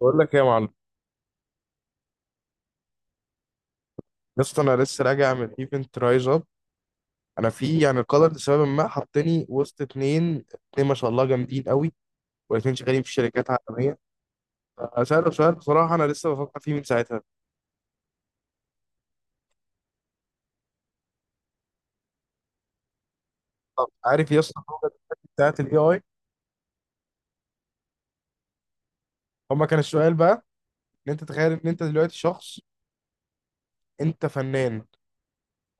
بقول لك ايه يا معلم. يا اسطى انا لسه راجع من ايفنت رايز اب. انا في القدر لسبب ما حطني وسط اتنين ما شاء الله جامدين قوي، والاتنين شغالين في شركات عالميه. سألوا سؤال، بصراحه انا لسه بفكر فيه من ساعتها. طب عارف يا اسطى الجملة بتاعت الاي اي؟ هما كان السؤال بقى ان انت، تخيل ان انت دلوقتي شخص، انت فنان،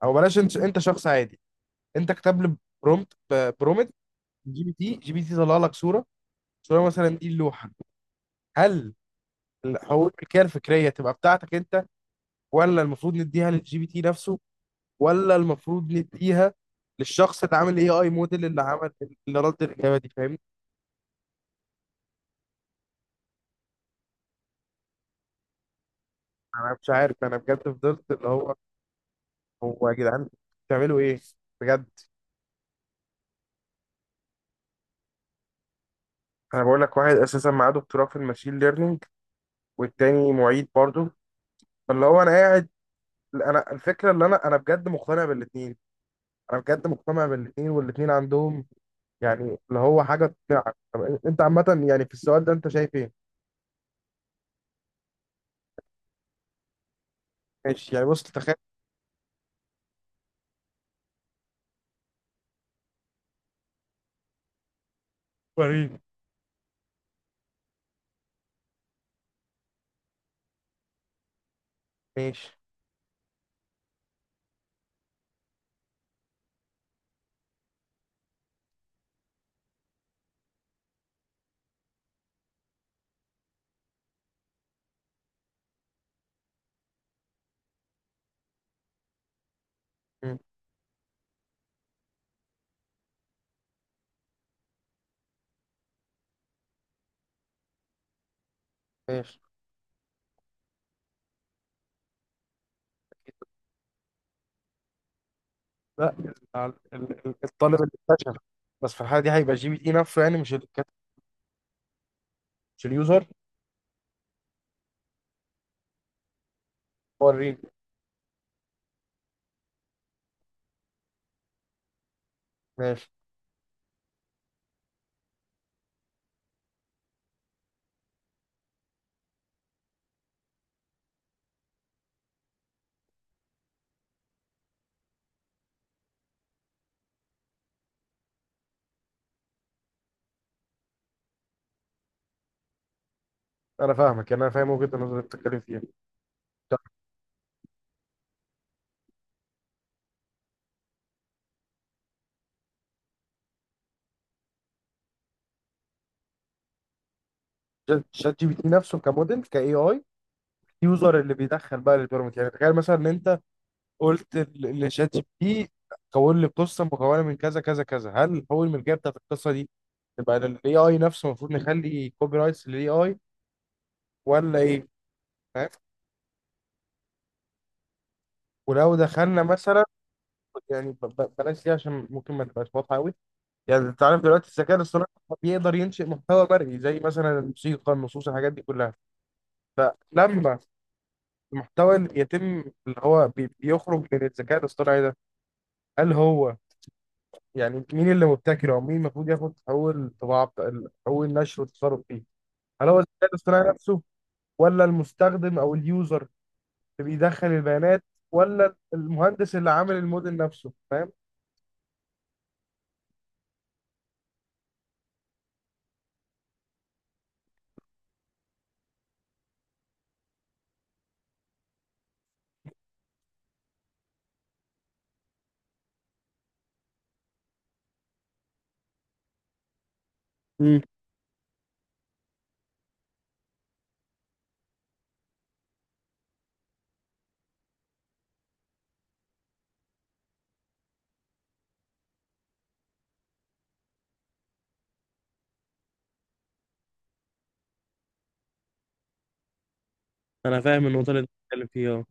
او بلاش، انت شخص عادي، انت كتب لي برومت برومت جي بي تي. جي بي تي طلع لك صوره، صوره مثلا دي اللوحه. هل الحقوق الملكيه الفكريه تبقى بتاعتك انت، ولا المفروض نديها للجي بي تي نفسه، ولا المفروض نديها للشخص اللي عامل اي اي موديل، اللي عمل اللي رد الاجابه دي؟ فاهمني؟ انا مش عارف، انا بجد فضلت اللي هو هو يا جدعان بتعملوا ايه؟ بجد. انا بقول لك، واحد اساسا معاه دكتوراه في الماشين ليرنينج، والتاني معيد برضه. فاللي هو انا قاعد انا الفكره اللي انا بجد مقتنع بالاثنين. انا بجد مقتنع بالاثنين، والاثنين عندهم يعني اللي هو حاجه تقنعك. طب انت عامه في السؤال ده انت شايف ايه؟ ماشي، بص تخيل. وريني. ماشي. ماشي. لا، الطالب اللي اكتشف. بس في الحالة دي هيبقى جي بي تي نفسه، مش مش اليوزر. هو الريل. ماشي. انا فاهمك، انا فاهم وجهة النظر اللي بتتكلم فيها. طب شات جي بي تي نفسه كموديل كاي اي، يوزر اللي بيدخل بقى البيراميد. يعني تخيل مثلا ان انت قلت لشات جي بي تي كون لي قصه مكونه من كذا كذا كذا، هل هو الملكيه بتاعت القصه دي تبقى للاي اي نفسه؟ المفروض نخلي كوبي رايتس للاي اي ولا ايه؟ فاهم؟ ولو دخلنا مثلا، بلاش دي عشان ممكن ما تبقاش واضحه قوي. يعني انت عارف دلوقتي الذكاء الاصطناعي بيقدر ينشئ محتوى مرئي، زي مثلا الموسيقى، النصوص، الحاجات دي كلها. فلما المحتوى اللي يتم اللي هو بي- بيخرج من الذكاء الاصطناعي ده، هل هو، يعني مين اللي مبتكره، او مين المفروض ياخد اول طباعه اول نشر والتصرف فيه؟ هل هو الذكاء الاصطناعي نفسه، ولا المستخدم او اليوزر اللي بيدخل البيانات، ولا المهندس اللي عامل الموديل نفسه؟ فاهم؟ امم. انا فاهم النقطه اللي انت بتتكلم فيها، اه.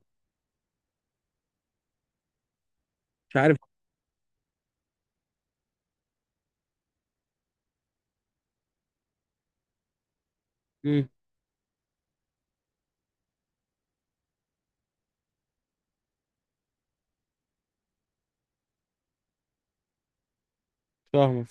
مش عارف. امم. فاهمك.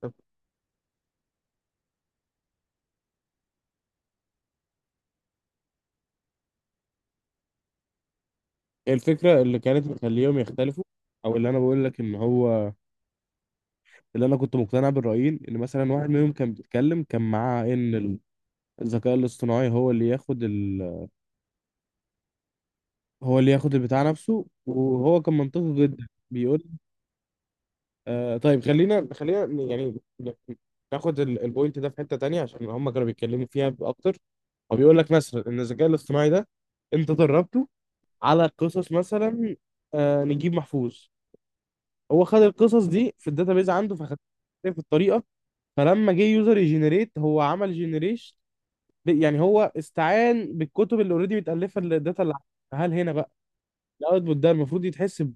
طب الفكره اللي كانت مخليهم يختلفوا، او اللي انا بقول لك ان هو، اللي انا كنت مقتنع بالرايين، ان مثلا واحد منهم كان بيتكلم، كان معاه ان الذكاء الاصطناعي هو اللي ياخد ال... هو اللي ياخد البتاع نفسه، وهو كان منطقي جدا بيقول. آه طيب خلينا، ناخد البوينت ده في حته تانية عشان هم كانوا بيتكلموا فيها اكتر. هو بيقول لك مثلا ان الذكاء الاصطناعي ده انت دربته على قصص، مثلا آه نجيب محفوظ. هو خد القصص دي في الداتابيز عنده فخدها في الطريقه. فلما جه يوزر يجنريت، هو عمل جنريشن، يعني هو استعان بالكتب اللي اوريدي متالفه للداتا اللي عنده. هل هنا بقى الاوتبوت ده المفروض يتحسب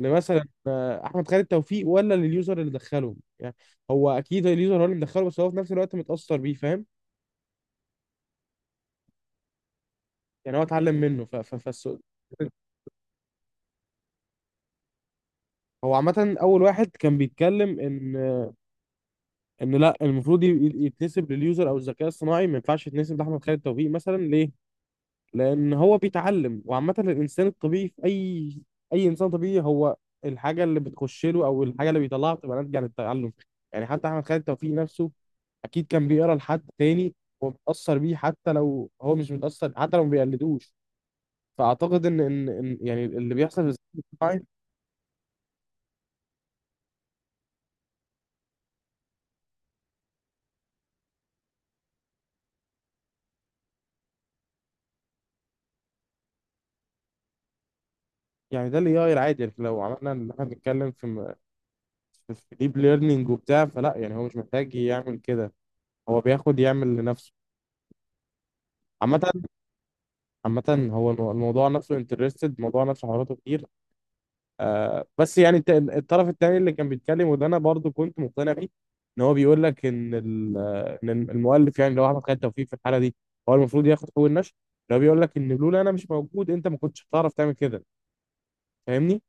لمثلا آه، احمد خالد توفيق، ولا لليوزر اللي دخله؟ يعني هو اكيد اليوزر هو اللي مدخله، بس هو في نفس الوقت متاثر بيه، فاهم؟ يعني هو اتعلم منه هو عامة. أول واحد كان بيتكلم إن، لا، المفروض يتنسب لليوزر أو الذكاء الصناعي، ما ينفعش يتنسب لأحمد خالد توفيق مثلا، ليه؟ لان هو بيتعلم. وعامه الانسان الطبيعي في اي انسان طبيعي، هو الحاجه اللي بتخش له او الحاجه اللي بيطلعها بتبقى ناتجه عن التعلم. يعني حتى احمد خالد توفيق نفسه اكيد كان بيقرا لحد تاني، ومتاثر بيه حتى لو هو مش متاثر، حتى لو ما بيقلدوش. فاعتقد ان ان إن يعني اللي بيحصل في الذكاء الاصطناعي، يعني ده الاي اي العادي. يعني لو عملنا اللي احنا بنتكلم في ديب ليرنينج وبتاع، فلا يعني هو مش محتاج يعمل كده، هو بياخد يعمل لنفسه. عامة. عامة هو الموضوع نفسه انترستد، الموضوع نفسه حواراته كتير. آه بس يعني الطرف التاني اللي كان بيتكلم، وده انا برضو كنت مقتنع بيه، ان هو بيقول لك ان ان المؤلف، يعني لو احمد خالد توفيق في الحاله دي، هو المفروض ياخد حقوق النشر. لو بيقول لك ان لولا انا مش موجود، انت ما كنتش هتعرف تعمل كده. فاهمني؟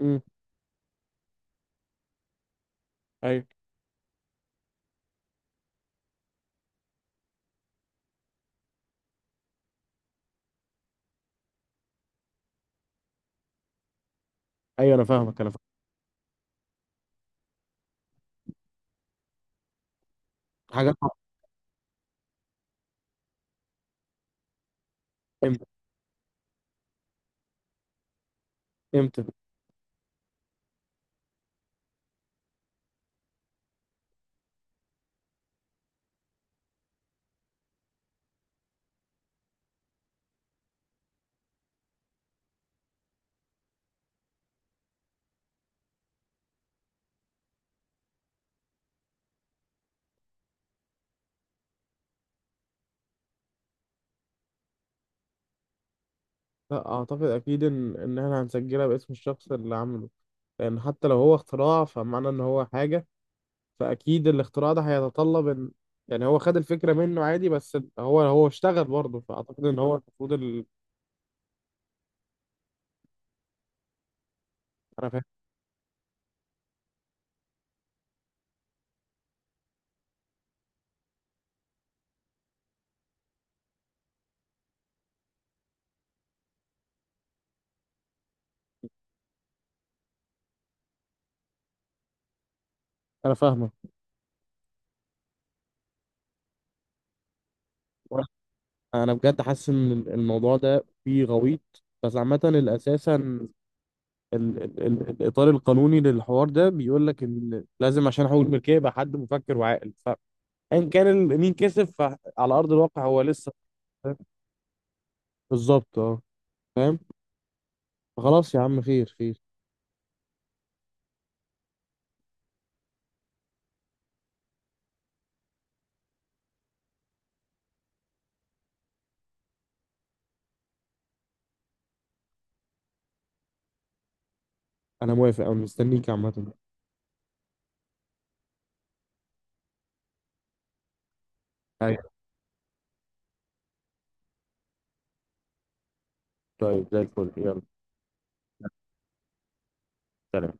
امم. ايوه. ايوه انا فاهمك، انا فاهمك. حاجه. امتى؟ امتى؟ لا، اعتقد اكيد ان احنا هنسجلها باسم الشخص اللي عامله. لان حتى لو هو اختراع، فمعنى ان هو حاجة، فاكيد الاختراع ده هيتطلب ان، يعني هو خد الفكره منه عادي، بس هو اشتغل برضه، فاعتقد ان هو المفروض ال... انا فاهم. انا فاهمه. انا بجد حاسس ان الموضوع ده فيه غويط. بس عامه الاساسا ال... الاطار القانوني للحوار ده بيقول لك ان لازم عشان حقوق الملكيه يبقى حد مفكر وعاقل. فان كان ال... مين كسب فعلى ارض الواقع هو لسه. بالظبط، اه. فاهم. خلاص يا عم، خير خير. انا موافق، انا مستنيك عامه. ايوه. طيب زي الفل، يلا. سلام.